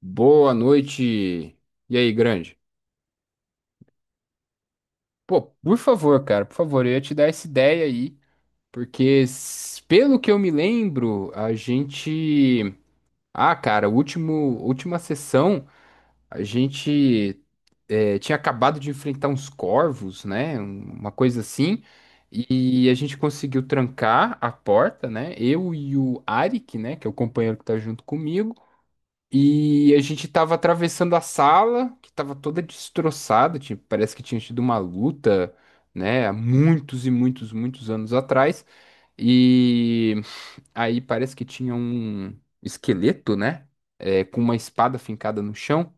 Boa noite. E aí, grande? Pô, por favor, cara, por favor, eu ia te dar essa ideia aí, porque pelo que eu me lembro, a gente, ah, cara, o último, última sessão, a gente tinha acabado de enfrentar uns corvos, né? Uma coisa assim, e a gente conseguiu trancar a porta, né? Eu e o Arik, né, que é o companheiro que tá junto comigo. E a gente tava atravessando a sala, que tava toda destroçada, tipo, parece que tinha tido uma luta, né, há muitos e muitos, muitos anos atrás. E aí parece que tinha um esqueleto, né, com uma espada fincada no chão.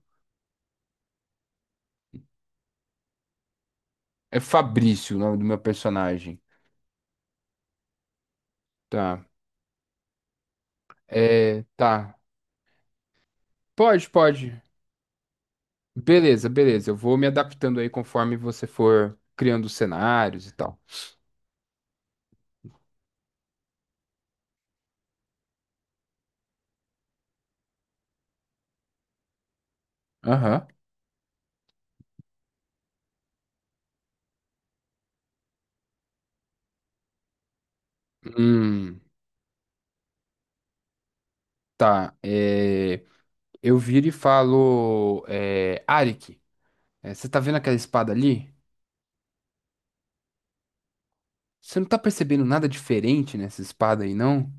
É Fabrício o nome do meu personagem. Tá. Tá. Pode, pode. Beleza, beleza. Eu vou me adaptando aí conforme você for criando os cenários e tal. Aham. Hum, tá. É. Eu viro e falo, Arik, você tá vendo aquela espada ali? Você não tá percebendo nada diferente nessa espada aí, não?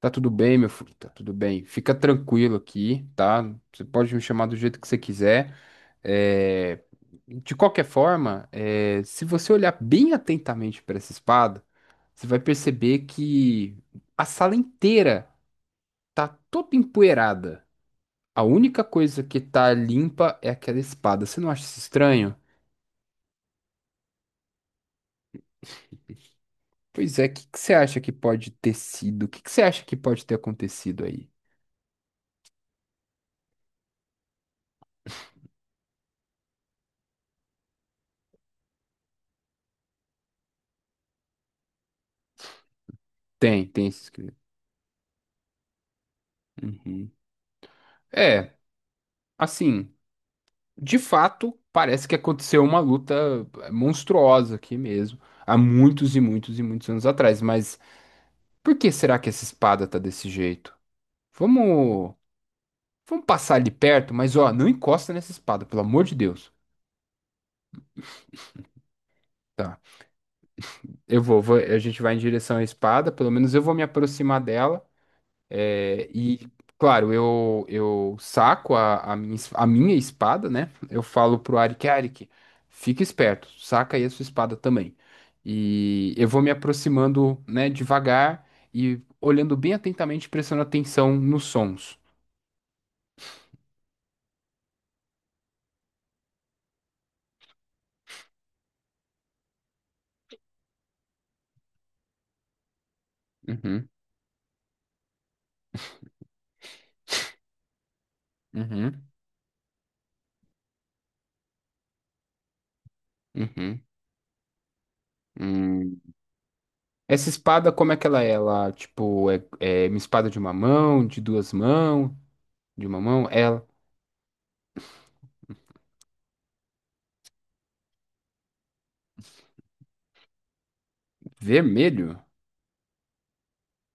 Tá tudo bem, meu filho, tá tudo bem. Fica tranquilo aqui, tá? Você pode me chamar do jeito que você quiser. É, De qualquer forma, se você olhar bem atentamente para essa espada, você vai perceber que a sala inteira tá toda empoeirada. A única coisa que tá limpa é aquela espada. Você não acha isso estranho? Pois é, o que que você acha que pode ter sido? O que que você acha que pode ter acontecido aí? Tem esse escrito. Uhum. É, assim, de fato, parece que aconteceu uma luta monstruosa aqui mesmo, há muitos e muitos e muitos anos atrás, mas por que será que essa espada tá desse jeito? Vamos, vamos passar ali perto, mas ó, não encosta nessa espada, pelo amor de Deus. Tá, a gente vai em direção à espada, pelo menos eu vou me aproximar dela. É, e, claro, eu saco a minha, a minha espada, né? Eu falo pro Arik, Arik, fica esperto, saca aí a sua espada também. E eu vou me aproximando, né, devagar e olhando bem atentamente, prestando atenção nos sons. Uhum, uhum, uhum. Hum. Essa espada, como é que ela é? Ela, tipo, é uma espada de uma mão, de duas mãos, de uma mão? Ela, vermelho?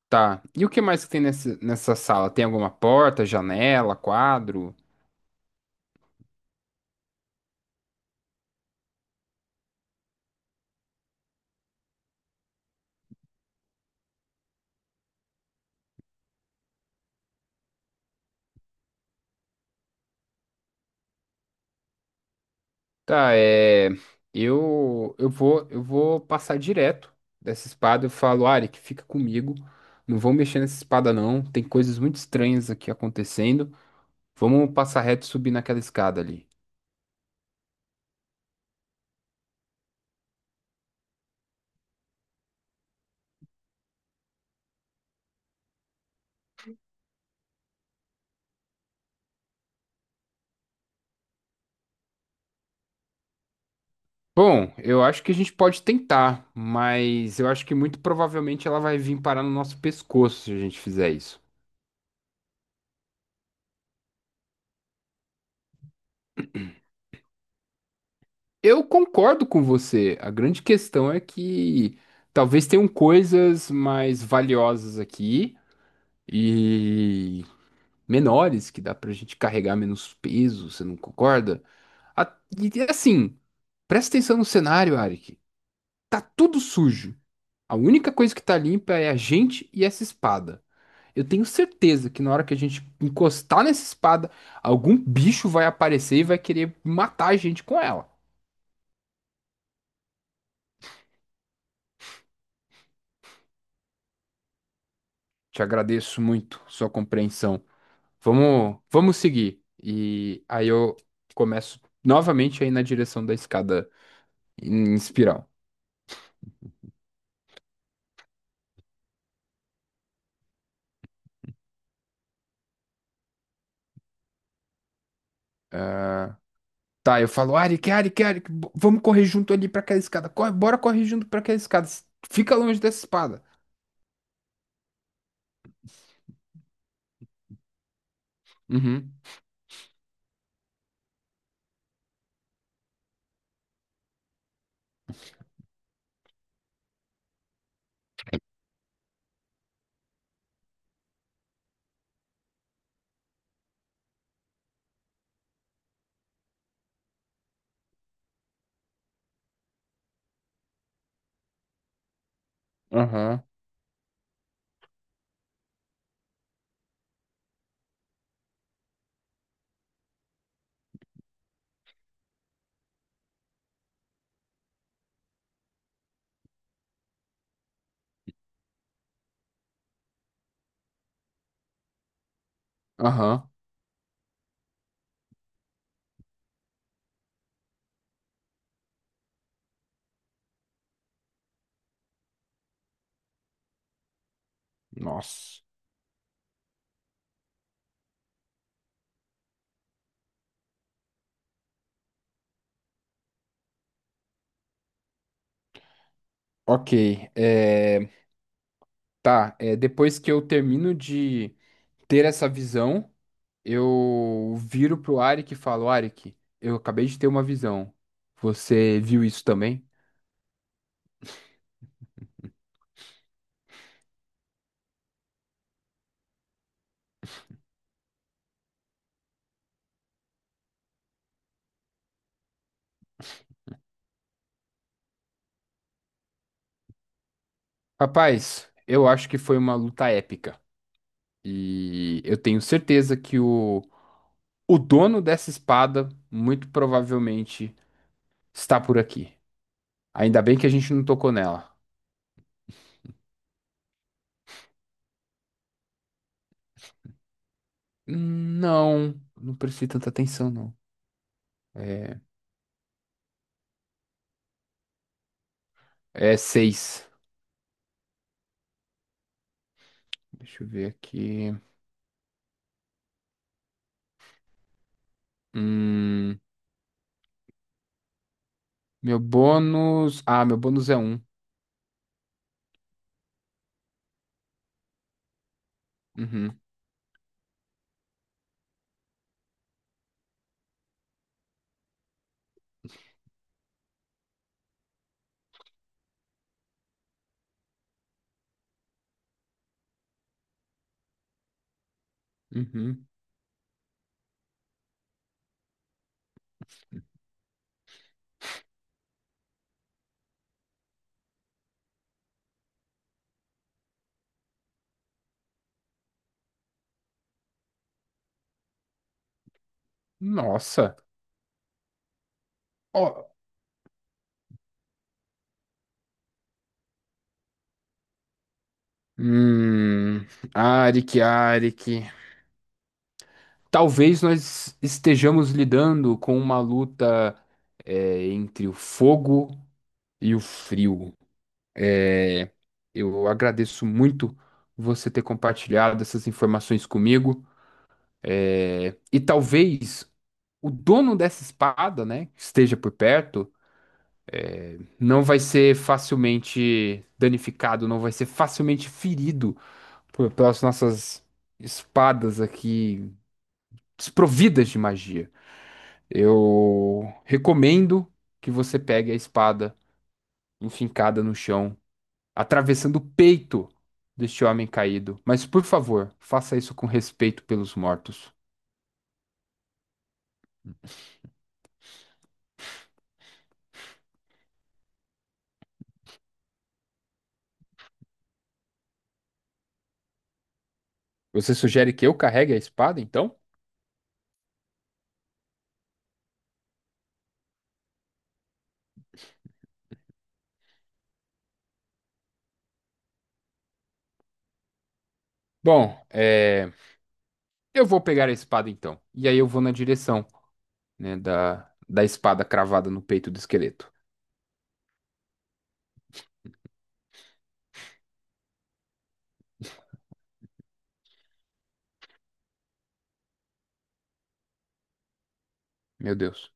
Tá. E o que mais que tem nessa sala? Tem alguma porta, janela, quadro? Tá, é. Eu vou passar direto dessa espada. Eu falo, Ari, que fica comigo. Não vou mexer nessa espada, não. Tem coisas muito estranhas aqui acontecendo. Vamos passar reto e subir naquela escada ali. Bom, eu acho que a gente pode tentar, mas eu acho que muito provavelmente ela vai vir parar no nosso pescoço se a gente fizer isso. Eu concordo com você. A grande questão é que talvez tenham coisas mais valiosas aqui e menores que dá pra gente carregar menos peso, você não concorda? E assim, presta atenção no cenário, Arik. Tá tudo sujo. A única coisa que tá limpa é a gente e essa espada. Eu tenho certeza que na hora que a gente encostar nessa espada, algum bicho vai aparecer e vai querer matar a gente com ela. Te agradeço muito sua compreensão. Vamos, vamos seguir. E aí eu começo novamente aí na direção da escada em espiral. Ah, Tá, eu falo, Arik, Arik, Arik, vamos correr junto ali pra aquela escada. Corre, bora correr junto pra aquela escada. Fica longe dessa espada. Uhum, aham, aham. Nossa. Ok, é, depois que eu termino de ter essa visão, eu viro pro Arik e falo, Arik, eu acabei de ter uma visão. Você viu isso também? Rapaz, eu acho que foi uma luta épica. E eu tenho certeza que o dono dessa espada muito provavelmente está por aqui. Ainda bem que a gente não tocou nela. Hum, não, não prestei tanta atenção, não. É, é seis. Deixa eu ver aqui. Hum, meu bônus. Ah, meu bônus é um. Uhum, uhum. Nossa. Ó. Hum, Arik, Arik. Talvez nós estejamos lidando com uma luta entre o fogo e o frio. Eu agradeço muito você ter compartilhado essas informações comigo. É, e talvez o dono dessa espada, né, que esteja por perto, não vai ser facilmente danificado, não vai ser facilmente ferido pelas nossas espadas aqui desprovidas de magia. Eu recomendo que você pegue a espada enfincada no chão, atravessando o peito deste homem caído. Mas por favor, faça isso com respeito pelos mortos. Você sugere que eu carregue a espada, então? Bom, eu vou pegar a espada então. E aí eu vou na direção, né, da espada cravada no peito do esqueleto. Meu Deus.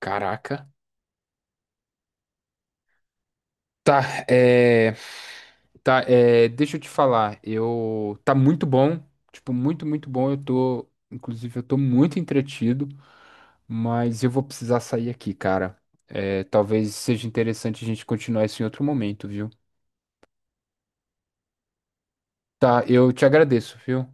Caraca. Tá, é... Tá, deixa eu te falar. Tá muito bom. Tipo, muito, muito bom. Inclusive, eu tô muito entretido, mas eu vou precisar sair aqui, cara. Talvez seja interessante a gente continuar isso em outro momento, viu? Tá, eu te agradeço, viu?